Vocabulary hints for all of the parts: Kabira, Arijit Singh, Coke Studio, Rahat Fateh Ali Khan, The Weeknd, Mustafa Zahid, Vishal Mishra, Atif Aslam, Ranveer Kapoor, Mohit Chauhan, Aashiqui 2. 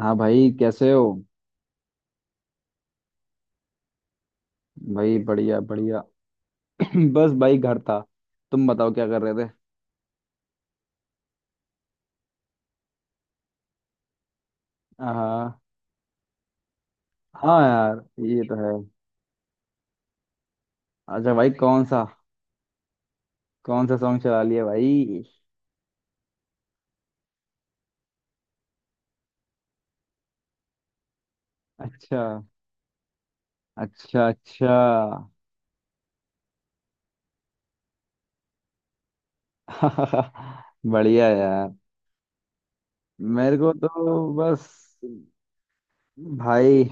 हाँ भाई, कैसे हो? भाई बढ़िया बढ़िया। बस भाई, घर था। तुम बताओ क्या कर रहे थे? हाँ। हाँ यार, ये तो है। अच्छा भाई, कौन सा? कौन सा सॉन्ग चला लिया भाई? अच्छा अच्छा अच्छा। बढ़िया यार। मेरे को तो बस भाई,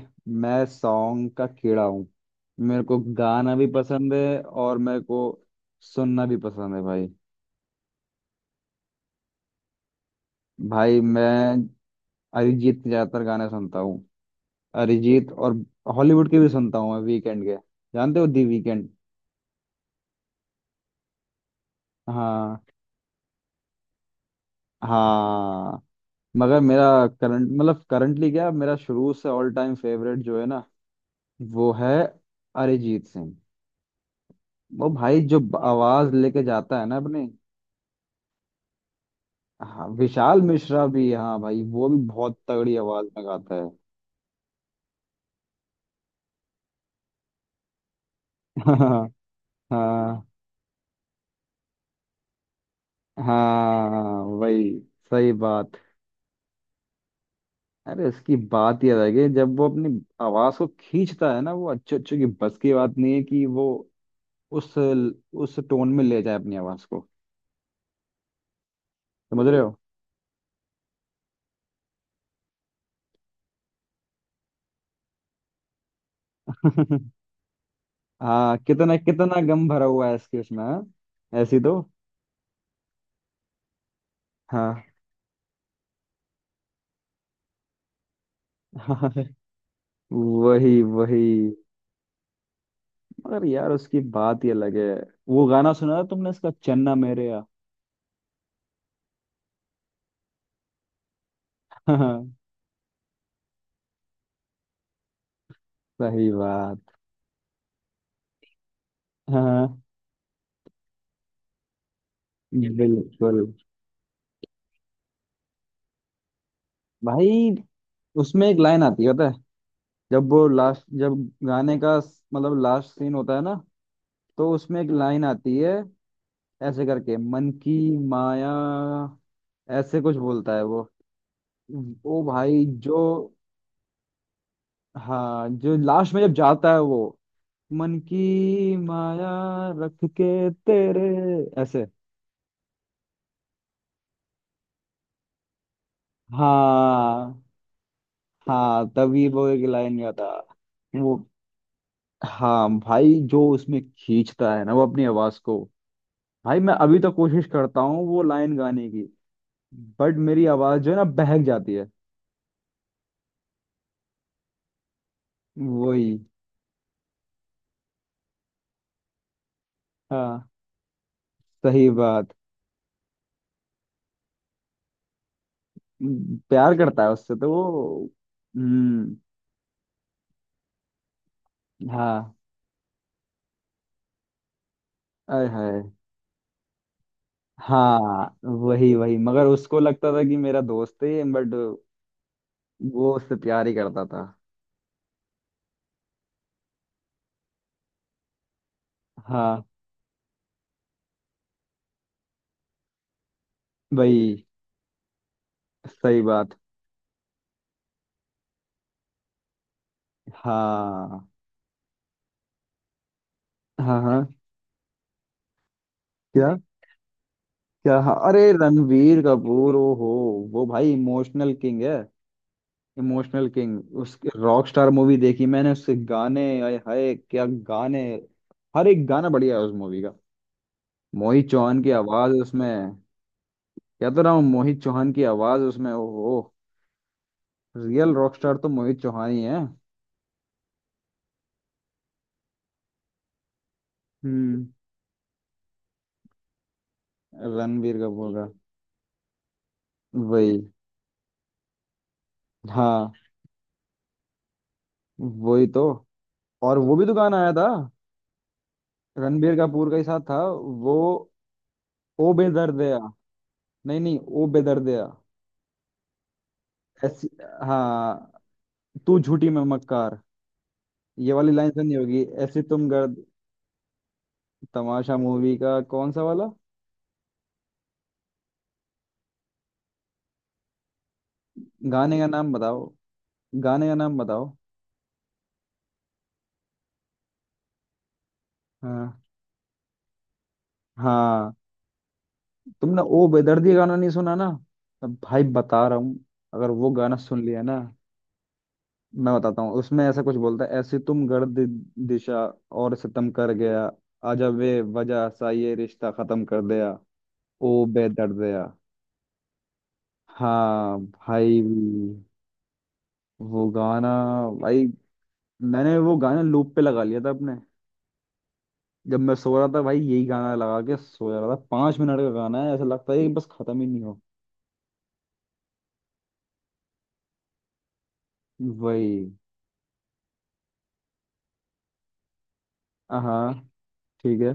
मैं सॉन्ग का कीड़ा हूँ। मेरे को गाना भी पसंद है और मेरे को सुनना भी पसंद है भाई। भाई मैं अरिजीत के ज्यादातर गाने सुनता हूँ। अरिजीत और हॉलीवुड के भी सुनता हूँ। मैं वीकेंड के, जानते हो दी वीकेंड? हाँ। हाँ मगर मेरा करंट, मतलब करंटली क्या, मेरा शुरू से ऑल टाइम फेवरेट जो है ना, वो है अरिजीत सिंह। वो भाई जो आवाज लेके जाता है ना अपने। हाँ विशाल मिश्रा भी, हाँ भाई वो भी बहुत तगड़ी आवाज में गाता है। हाँ। हाँ हाँ। वही, सही बात। अरे उसकी बात ही अलग है, जब वो अपनी आवाज को खींचता है ना, वो अच्छे अच्छे की बस की बात नहीं है कि वो उस टोन में ले जाए अपनी आवाज को। समझ रहे हो? हाँ, कितना कितना गम भरा हुआ है इसके उसमें, हाँ? ऐसी तो हाँ। हाँ वही वही। मगर यार उसकी बात ही अलग है। वो गाना सुना था तुमने, इसका चन्ना मेरेया? हाँ, सही बात। हाँ बिल्कुल भाई, उसमें एक लाइन आती है पता है। जब वो लास्ट, जब गाने का मतलब लास्ट सीन होता है ना, तो उसमें एक लाइन आती है। ऐसे करके, मन की माया, ऐसे कुछ बोलता है वो। वो भाई जो, हाँ जो लास्ट में जब जाता है वो, मन की माया रख के तेरे, ऐसे। हाँ हाँ तभी वो एक लाइन का था। वो, हाँ भाई जो उसमें खींचता है ना वो अपनी आवाज को। भाई मैं अभी तो कोशिश करता हूँ वो लाइन गाने की, बट मेरी आवाज जो है ना बहक जाती है। वही। हाँ सही बात। प्यार करता है उससे तो वो। हम्म। हाँ। आय हाय। हाँ वही वही, मगर उसको लगता था कि मेरा दोस्त है, बट वो उससे प्यार ही करता था। हाँ वही। सही बात। हाँ हाँ हाँ। क्या? क्या हाँ, अरे रणवीर कपूर, ओ हो। वो भाई इमोशनल किंग है। इमोशनल किंग, उसके रॉक स्टार मूवी देखी मैंने, उसके गाने, आए हाय क्या गाने। हर एक गाना बढ़िया है उस मूवी का। मोहित चौहान की आवाज उसमें, क्या तो रहा हूँ, मोहित चौहान की आवाज उसमें, ओहो। रियल रॉक स्टार तो मोहित चौहान ही है। हम्म। रणबीर कपूर का। वही। हाँ वही तो। और वो भी तो गाना आया था। रणबीर कपूर का ही साथ था वो, ओ बेदर्द दिया। नहीं नहीं, ओ बेदर्द दिया। ऐसी, हाँ, तू झूठी मैं मक्कार। ये वाली लाइन सुनी होगी, ऐसी तुम गर्द। तमाशा मूवी का कौन सा वाला? गाने का नाम बताओ। गाने का नाम बताओ। हाँ हाँ। तुमने ओ बेदर्दी गाना नहीं सुना ना? अब भाई बता रहा हूँ, अगर वो गाना सुन लिया ना। मैं बताता हूँ, उसमें ऐसा कुछ बोलता है, ऐसी तुम गर्द दिशा और सितम कर गया, आजा वे वजह सा ये रिश्ता खत्म कर दिया, ओ बेदर्दिया। हाँ भाई। वो गाना, भाई मैंने वो गाना लूप पे लगा लिया था अपने, जब मैं सो रहा था भाई, यही गाना लगा के सो जा रहा था। 5 मिनट का गाना है, ऐसा लगता है कि बस खत्म ही नहीं हो। वही। हाँ ठीक है।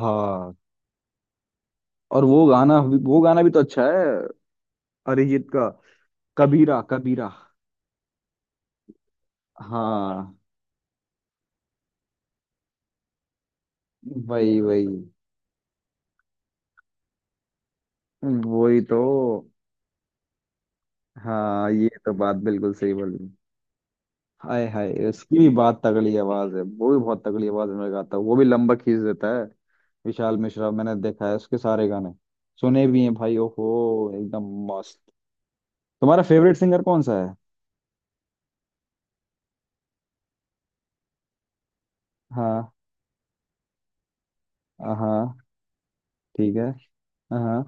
हाँ। और वो गाना, वो गाना भी तो अच्छा है, अरिजीत का। कबीरा कबीरा। हाँ। वही वही वही तो। हाँ ये तो बात बिल्कुल सही बोली। हाय हाय, उसकी भी बात तगड़ी आवाज है, वो भी बहुत तगड़ी आवाज में गाता है, वो भी लंबा खींच देता है। विशाल मिश्रा, मैंने देखा है उसके सारे गाने, सुने भी हैं भाई, ओहो एकदम मस्त। तुम्हारा फेवरेट सिंगर कौन सा है? हाँ। हाँ ठीक है। हाँ।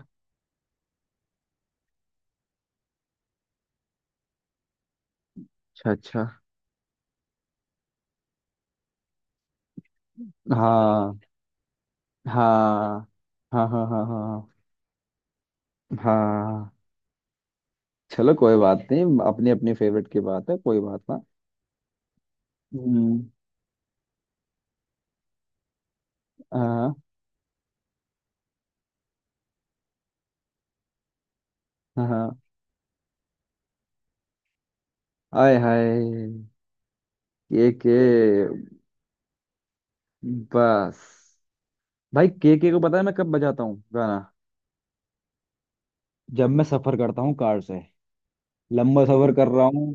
अच्छा अच्छा। हाँ हाँ हाँ हाँ। हाँ हाँ हाँ। चलो कोई बात नहीं, अपनी अपनी फेवरेट की बात है, कोई बात ना। हम्म। हाँ। हाँ। आय हाय, ये के, बस भाई केके को, पता है मैं कब बजाता हूँ गाना? जब मैं सफर करता हूँ कार से, लंबा सफर कर रहा हूँ,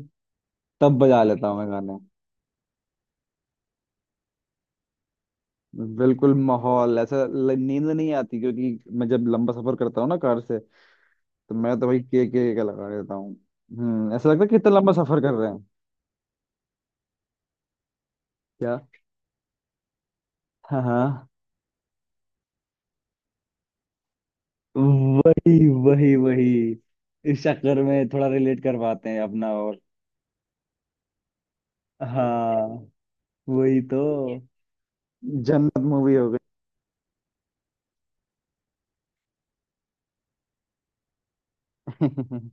तब बजा लेता हूँ मैं गाना। बिल्कुल माहौल ऐसा नींद नहीं आती, क्योंकि मैं जब लंबा सफर करता हूँ ना कार से, तो मैं तो भाई के का लगा देता हूँ। हम्म, ऐसा लगता है कितना लंबा सफर कर रहे हैं। क्या, हाँ हाँ। वही वही वही। इस चक्कर में थोड़ा रिलेट कर पाते हैं अपना। और हाँ वही तो। जन्नत मूवी हो गई।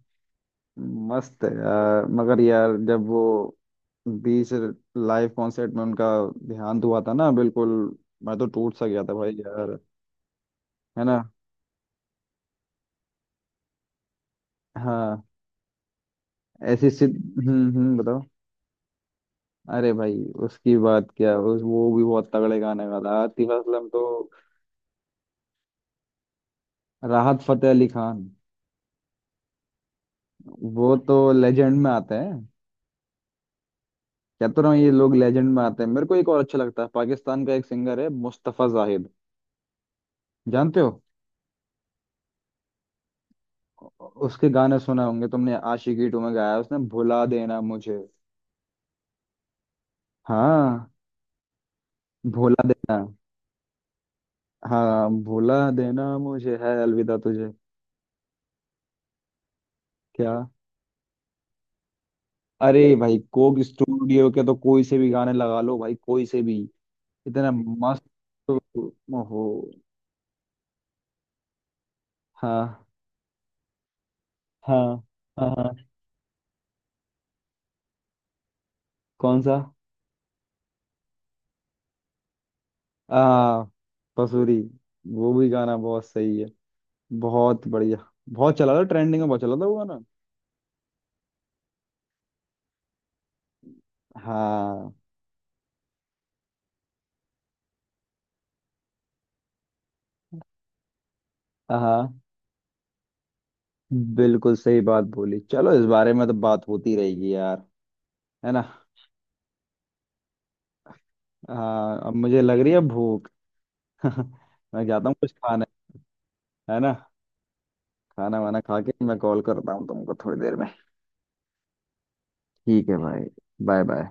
मस्त है यार। मगर यार जब वो बीच लाइव कॉन्सर्ट में उनका देहांत हुआ था ना, बिल्कुल मैं तो टूट सा गया था भाई यार, है ना? हाँ। ऐसी सिद। हम्म, बताओ। अरे भाई उसकी बात क्या, उस, वो भी बहुत तगड़े गाने वाला आतिफ असलम तो। राहत फतेह अली खान, वो तो लेजेंड में आते हैं। कहता रहा हूँ ये लोग लेजेंड में आते हैं। मेरे को एक और अच्छा लगता है, पाकिस्तान का एक सिंगर है, मुस्तफा जाहिद, जानते हो? उसके गाने सुने होंगे तुमने, आशिकी टू में गाया है उसने, भुला देना मुझे। हाँ। भुला देना। हाँ, भुला देना मुझे है अलविदा तुझे। क्या? अरे भाई कोक स्टूडियो के तो कोई से भी गाने लगा लो भाई, कोई से भी, इतना मस्त हो। हाँ हाँ हाँ हाँ। कौन सा? आ, पसूरी। वो भी गाना बहुत सही है, बहुत बढ़िया। बहुत चला था ट्रेंडिंग में, बहुत चला था वो गाना। हाँ। हाँ बिल्कुल सही बात बोली। चलो इस बारे में तो बात होती रहेगी यार, है ना? हाँ अब मुझे लग रही है भूख। मैं जाता हूँ कुछ खाने, है ना? खाना वाना खा के मैं कॉल करता हूँ तुमको थोड़ी देर में। ठीक है भाई। Bye bye.